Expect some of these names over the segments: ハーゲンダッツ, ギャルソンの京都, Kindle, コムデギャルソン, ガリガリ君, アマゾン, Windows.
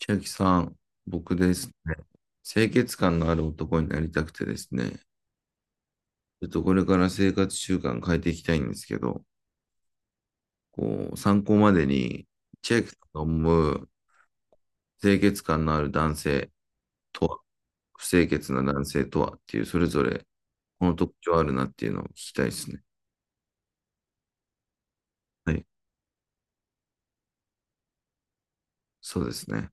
千秋さん、僕ですね、清潔感のある男になりたくてですね、ちょっとこれから生活習慣変えていきたいんですけど、こう、参考までに、千秋さんが思う清潔感のある男性とは、不清潔な男性とはっていう、それぞれ、この特徴あるなっていうのを聞きたいですね。はい。そうですね。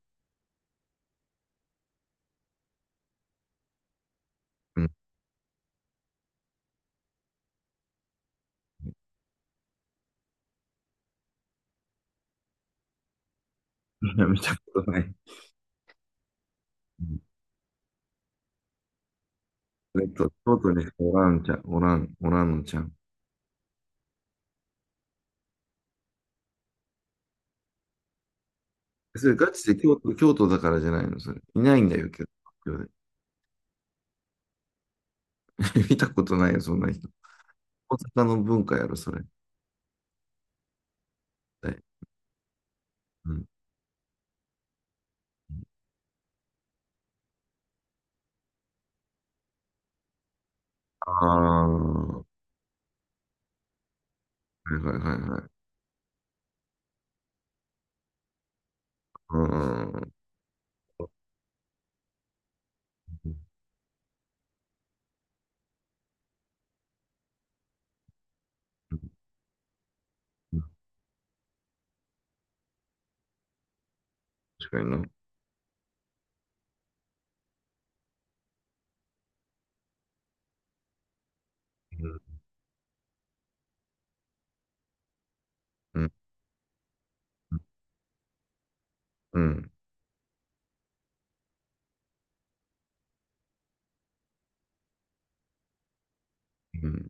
うん。いや見たことない。うん。京都におらんちゃん、おらんのちゃん。それガチで京都、京都だからじゃないの、それ。いないんだよ、京都。見たことないよ、そんな人。大阪の文化やろ、それ。はい。うん。ああ、はいはいはいはい。うん。うん。確かにな。うん、うん、うん、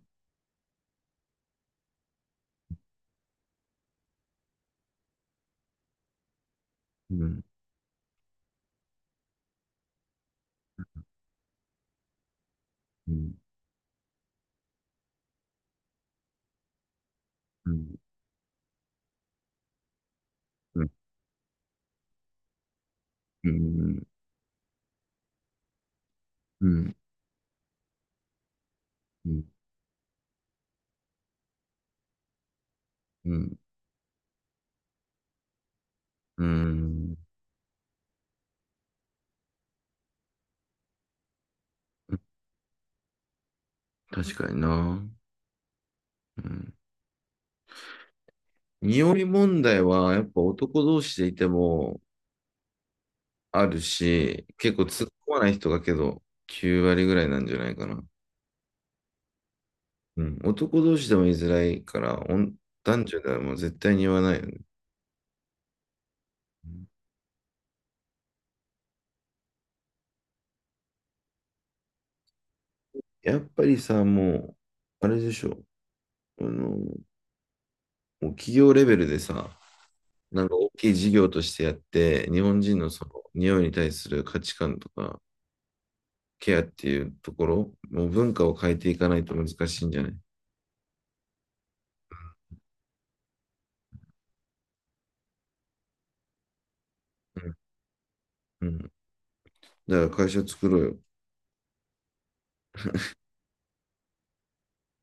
うん、うん、うん、うん、うん、うん、うん、うん。確かにな。うん。匂い問題は、やっぱ男同士でいてもあるし、結構突っ込まない人がけど、9割ぐらいなんじゃないかな。うん、男同士でも言いづらいから、おん、男女ではもう絶対に言わないよね。やっぱりさ、もう、あれでしょ、もう企業レベルでさ、なんか大きい事業としてやって、日本人のその、匂いに対する価値観とか、ケアっていうところ、もう文化を変えていかないと難しいんじゃない？うん。うん。だから会社作ろうよ。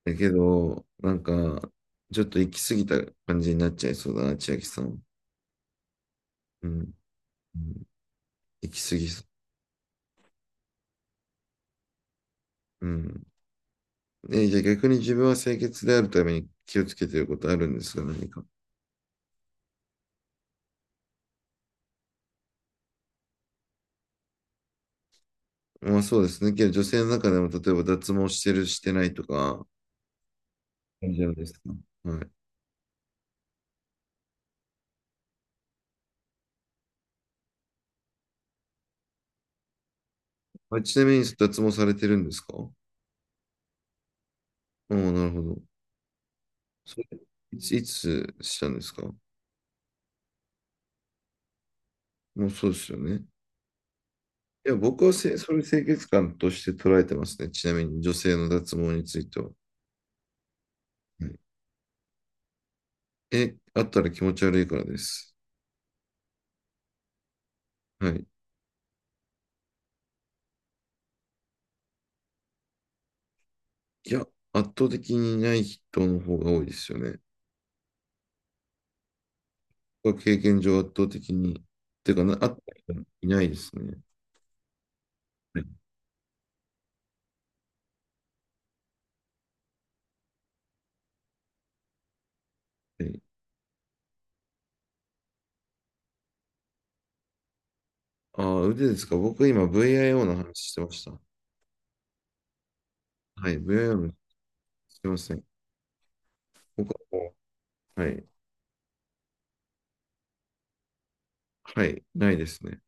だけど、なんか、ちょっと行き過ぎた感じになっちゃいそうだな、千秋さん。うん。うん。行き過ぎそう。うん。えー、じゃあ逆に自分は清潔であるために気をつけていることあるんですか、何か。まあそうですね。けど女性の中でも、例えば脱毛してる、してないとか、感じですか。はい。あ、ちなみに脱毛されてるんですか？おおー、なるほど。それ、いつ、いつしたんですか？もうそうですよね。いや、僕はせ、それ清潔感として捉えてますね。ちなみに女性の脱毛については。はい。え、あったら気持ち悪いからです。はい。いや、圧倒的にない人の方が多いですよね。は経験上圧倒的に、っていうかな、あった人いないですね。はい。ああ、腕ですか。僕今 VIO の話してました。はい、VIO の、すいません。僕はもう、はい、はい、ないですね。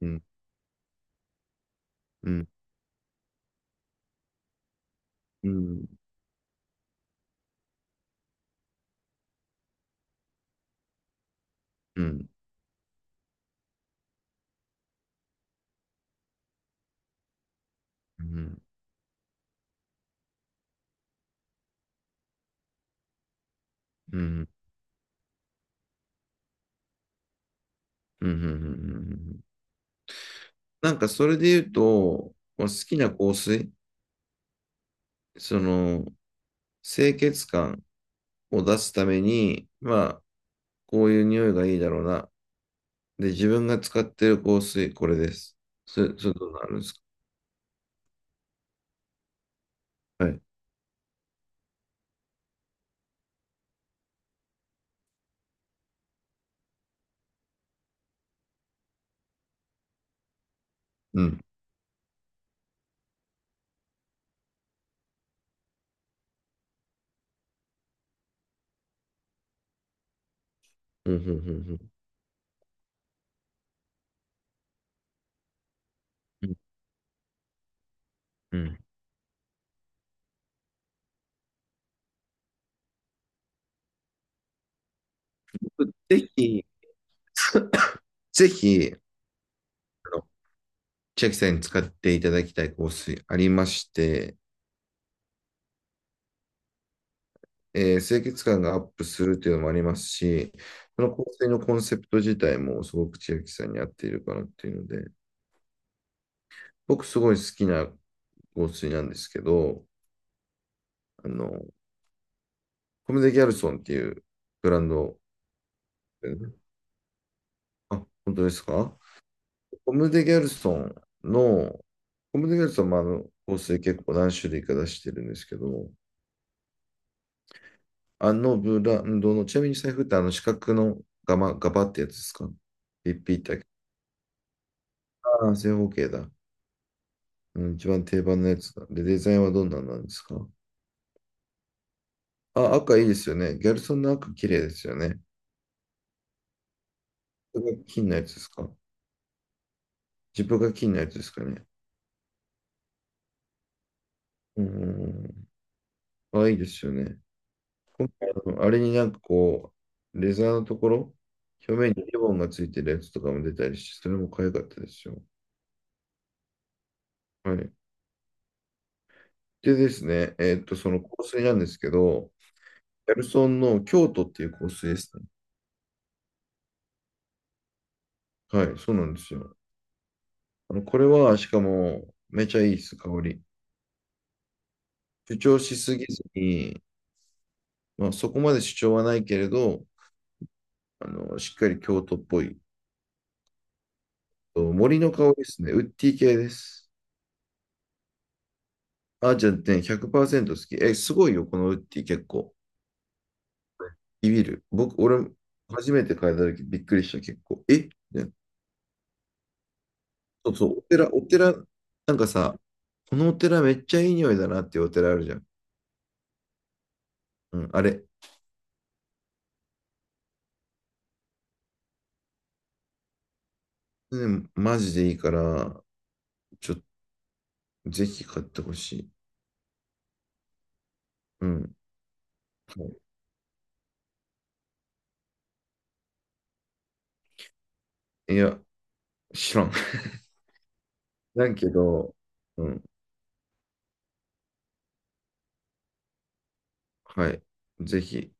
うん、うん、うん、うん、うん、うん、うん、うん、うん、うん。なんかそれで言うと、まあ、好きな香水、その、清潔感を出すために、まあ、こういう匂いがいいだろうな、で、自分が使ってる香水、これです。それどうなるんですか？はい。うん。うん、うん、うん、うん。うん。うん。ぜひ、ぜひ、あの、千秋さんに使っていただきたい香水ありまして、えー清潔感がアップするというのもありますし、その香水のコンセプト自体もすごく千秋さんに合っているかなっていうので、僕すごい好きな香水なんですけど、あの、コムデギャルソンっていうブランド、あ、本当ですか？コムデ・ギャルソンの、コムデ・ギャルソンもあの香水結構何種類か出してるんですけど、あのブランドの、ちなみに財布ってあの四角のガバってやつですか？ピッピッて。ああ、正方形だ。うん、一番定番のやつだ。で、デザインはどんなんなんですか？あ、赤いいですよね。ギャルソンの赤綺麗ですよね。これが金のやつですか？ジップが金のやつですかね。うんうんうん。あ、いいですよね。うん、あれになんかこう、レザーのところ、表面にリボンがついてるやつとかも出たりして、それも可愛かったですよ。はい。でですね、その香水なんですけど、ギャルソンの京都っていう香水ですね。はい、そうなんですよ。あの、これは、しかも、めちゃいいです、香り。主張しすぎずに、まあ、そこまで主張はないけれど、あの、しっかり京都っぽい。と森の香りですね。ウッディ系です。あ、じゃあね、100%好き。え、すごいよ、このウッディ結構。ビビる。俺、初めて変えた時びっくりした、結構。えみたいな。そうそう、お寺、お寺、なんかさ、このお寺めっちゃいい匂いだなっていうお寺あるじゃん。うん、あれ。うん、マジでいいから、ちょ、ぜひ買ってほしい。うん。はい。いや、知らん。なんけど、うん、はい。ぜひ。